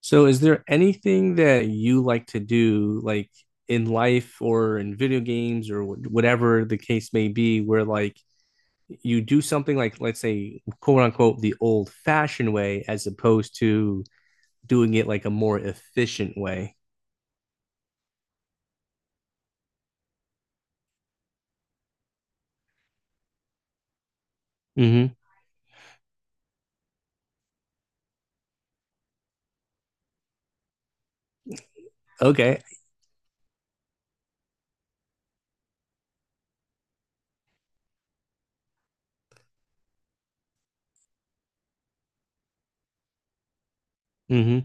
So, is there anything that you like to do, like in life or in video games or whatever the case may be, where like you do something like, let's say, quote unquote, the old-fashioned way, as opposed to doing it like a more efficient way? Hmm Okay. hmm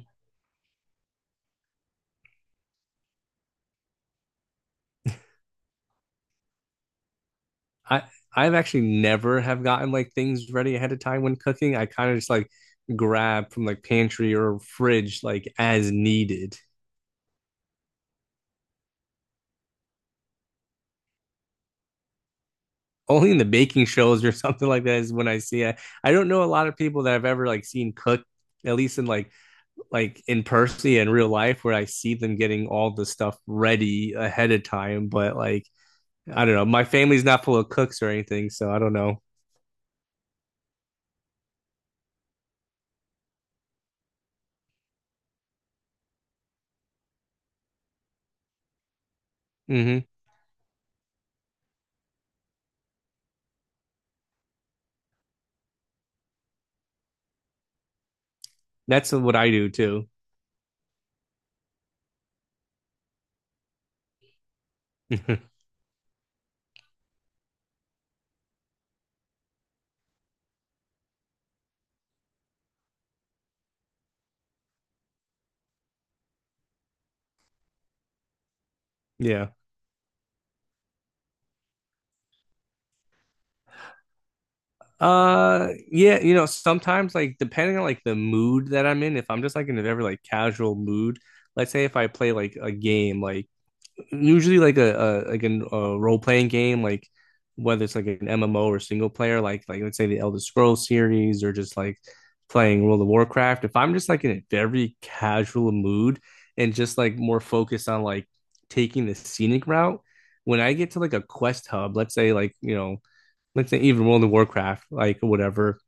I I've actually never have gotten like things ready ahead of time when cooking. I kind of just like grab from like pantry or fridge like as needed. Only in the baking shows or something like that is when I see it. I don't know a lot of people that I've ever like seen cook, at least in like in person in real life, where I see them getting all the stuff ready ahead of time. But like I don't know, my family's not full of cooks or anything, so I don't know. Mm-hmm. That's what I do too. Yeah. Sometimes like depending on like the mood that I'm in, if I'm just like in a very like casual mood, let's say if I play like a game like usually like a like a role playing game, like whether it's like an MMO or single player, like let's say the Elder Scrolls series or just like playing World of Warcraft. If I'm just like in a very casual mood and just like more focused on like taking the scenic route, when I get to like a quest hub, let's say even World of Warcraft, like whatever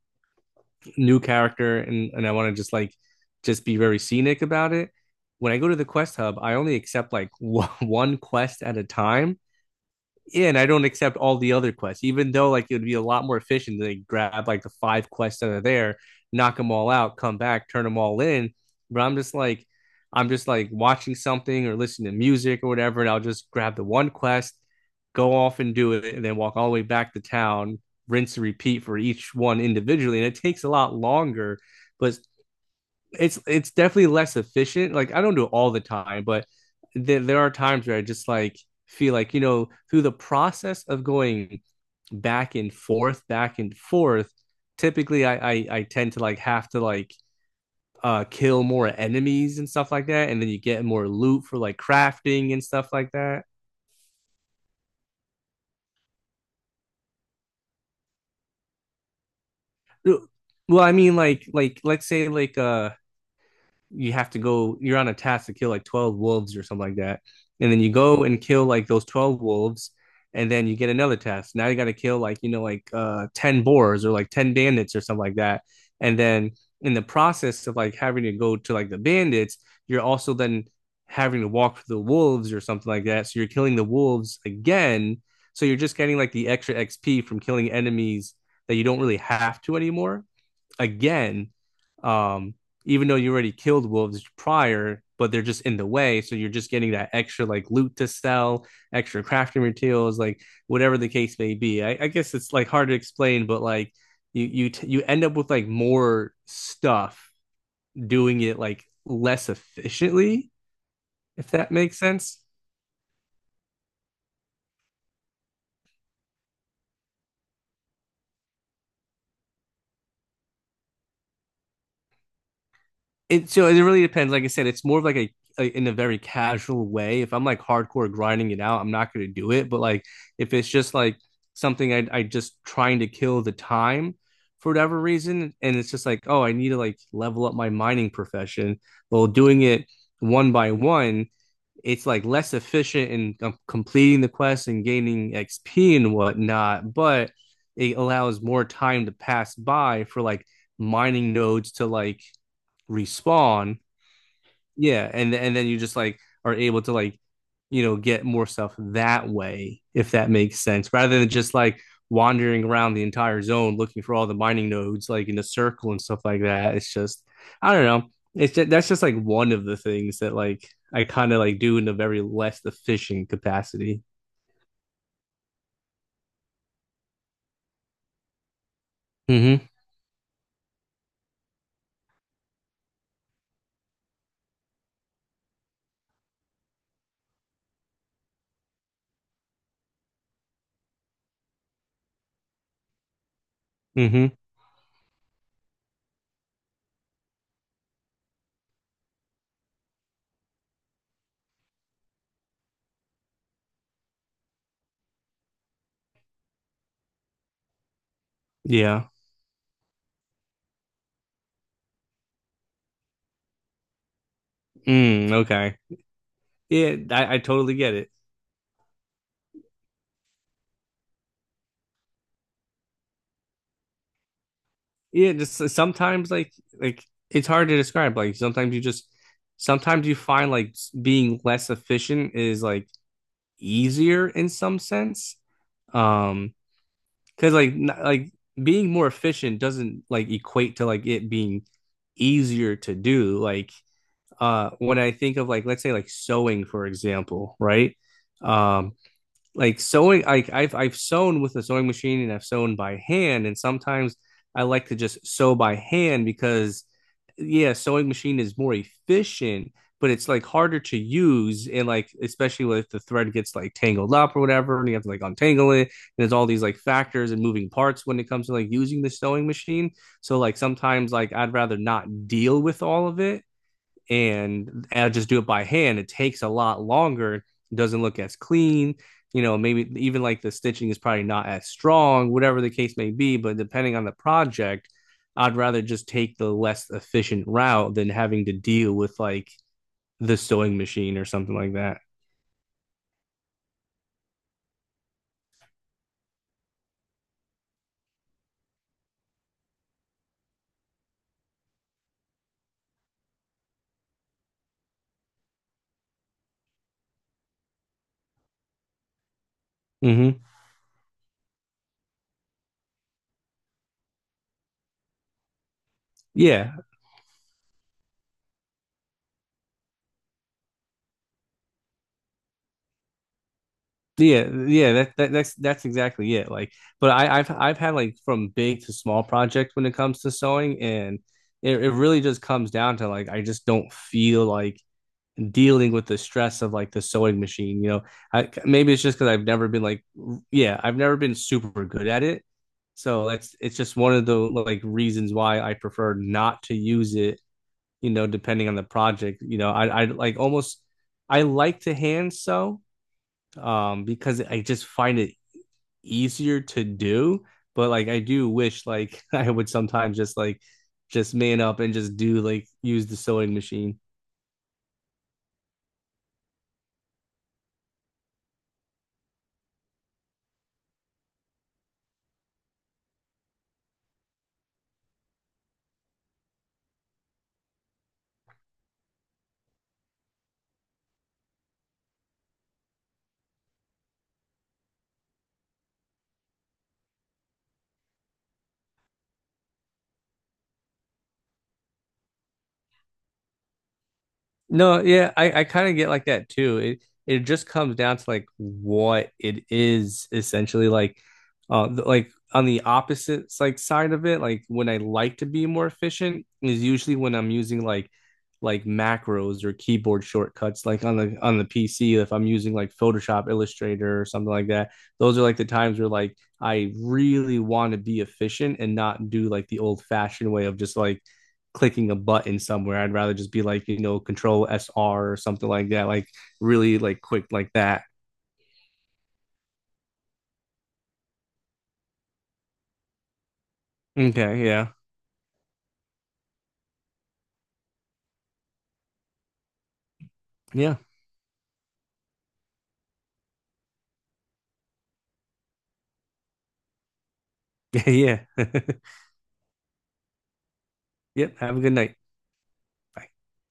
new character and I want to just like just be very scenic about it. When I go to the quest hub, I only accept like one quest at a time, yeah, and I don't accept all the other quests, even though like it would be a lot more efficient to like grab like the five quests that are there, knock them all out, come back, turn them all in. But I'm just like watching something or listening to music or whatever, and I'll just grab the one quest, go off and do it, and then walk all the way back to town, rinse and repeat for each one individually. And it takes a lot longer, but it's definitely less efficient. Like I don't do it all the time, but there are times where I just like feel like through the process of going back and forth, back and forth. Typically, I tend to like have to like kill more enemies and stuff like that, and then you get more loot for like crafting and stuff like that. Well, I mean like let's say like you have to go you're on a task to kill like 12 wolves or something like that, and then you go and kill like those 12 wolves, and then you get another task, now you got to kill like like 10 boars or like 10 bandits or something like that, and then in the process of like having to go to like the bandits, you're also then having to walk through the wolves or something like that, so you're killing the wolves again, so you're just getting like the extra XP from killing enemies that you don't really have to anymore again, um, even though you already killed wolves prior, but they're just in the way. So you're just getting that extra like loot to sell, extra crafting materials, like whatever the case may be. I guess it's like hard to explain, but like you end up with like more stuff doing it like less efficiently, if that makes sense. It so it really depends. Like I said, it's more of like a in a very casual way. If I'm like hardcore grinding it out, I'm not going to do it. But like if it's just like something I just trying to kill the time for whatever reason, and it's just like oh I need to like level up my mining profession. Well, doing it one by one, it's like less efficient in completing the quest and gaining XP and whatnot, but it allows more time to pass by for like mining nodes to like respawn, yeah, and then you just like are able to like get more stuff that way if that makes sense, rather than just like wandering around the entire zone looking for all the mining nodes like in a circle and stuff like that. It's just I don't know. It's just, that's just like one of the things that like I kind of like do in a very less efficient capacity. Mm-hmm. Mm-hmm. Yeah. Mm, okay. Yeah, I totally get it. Yeah, just sometimes like it's hard to describe. Like sometimes you just sometimes you find like being less efficient is like easier in some sense. Um, because like like being more efficient doesn't like equate to like it being easier to do. Like when I think of like let's say like sewing for example, right? Um, like sewing like I've sewn with a sewing machine and I've sewn by hand and sometimes I like to just sew by hand because yeah sewing machine is more efficient but it's like harder to use and like especially if the thread gets like tangled up or whatever and you have to like untangle it, and there's all these like factors and moving parts when it comes to like using the sewing machine, so like sometimes like I'd rather not deal with all of it and I just do it by hand. It takes a lot longer, it doesn't look as clean. You know, maybe even like the stitching is probably not as strong, whatever the case may be. But depending on the project, I'd rather just take the less efficient route than having to deal with like the sewing machine or something like that. Mm-hmm. Yeah, yeah, yeah. That, that's exactly it. Like, but I, I've had like from big to small project when it comes to sewing, and it really just comes down to like I just don't feel like dealing with the stress of like the sewing machine. You know, I, maybe it's just because I've never been like, yeah, I've never been super good at it. So that's it's just one of the like reasons why I prefer not to use it. You know, depending on the project. You know, I like almost I like to hand sew because I just find it easier to do. But like I do wish like I would sometimes just like just man up and just do like use the sewing machine. No, yeah, I kind of get like that too. It just comes down to like what it is essentially like like on the opposite like side of it, like when I like to be more efficient is usually when I'm using like macros or keyboard shortcuts like on the PC if I'm using like Photoshop, Illustrator or something like that. Those are like the times where like I really want to be efficient and not do like the old fashioned way of just like clicking a button somewhere. I'd rather just be like, you know, control S R or something like that, like really like quick like that. Okay, yeah. Yeah. Yeah, yeah. Yep, have a good night. Bye.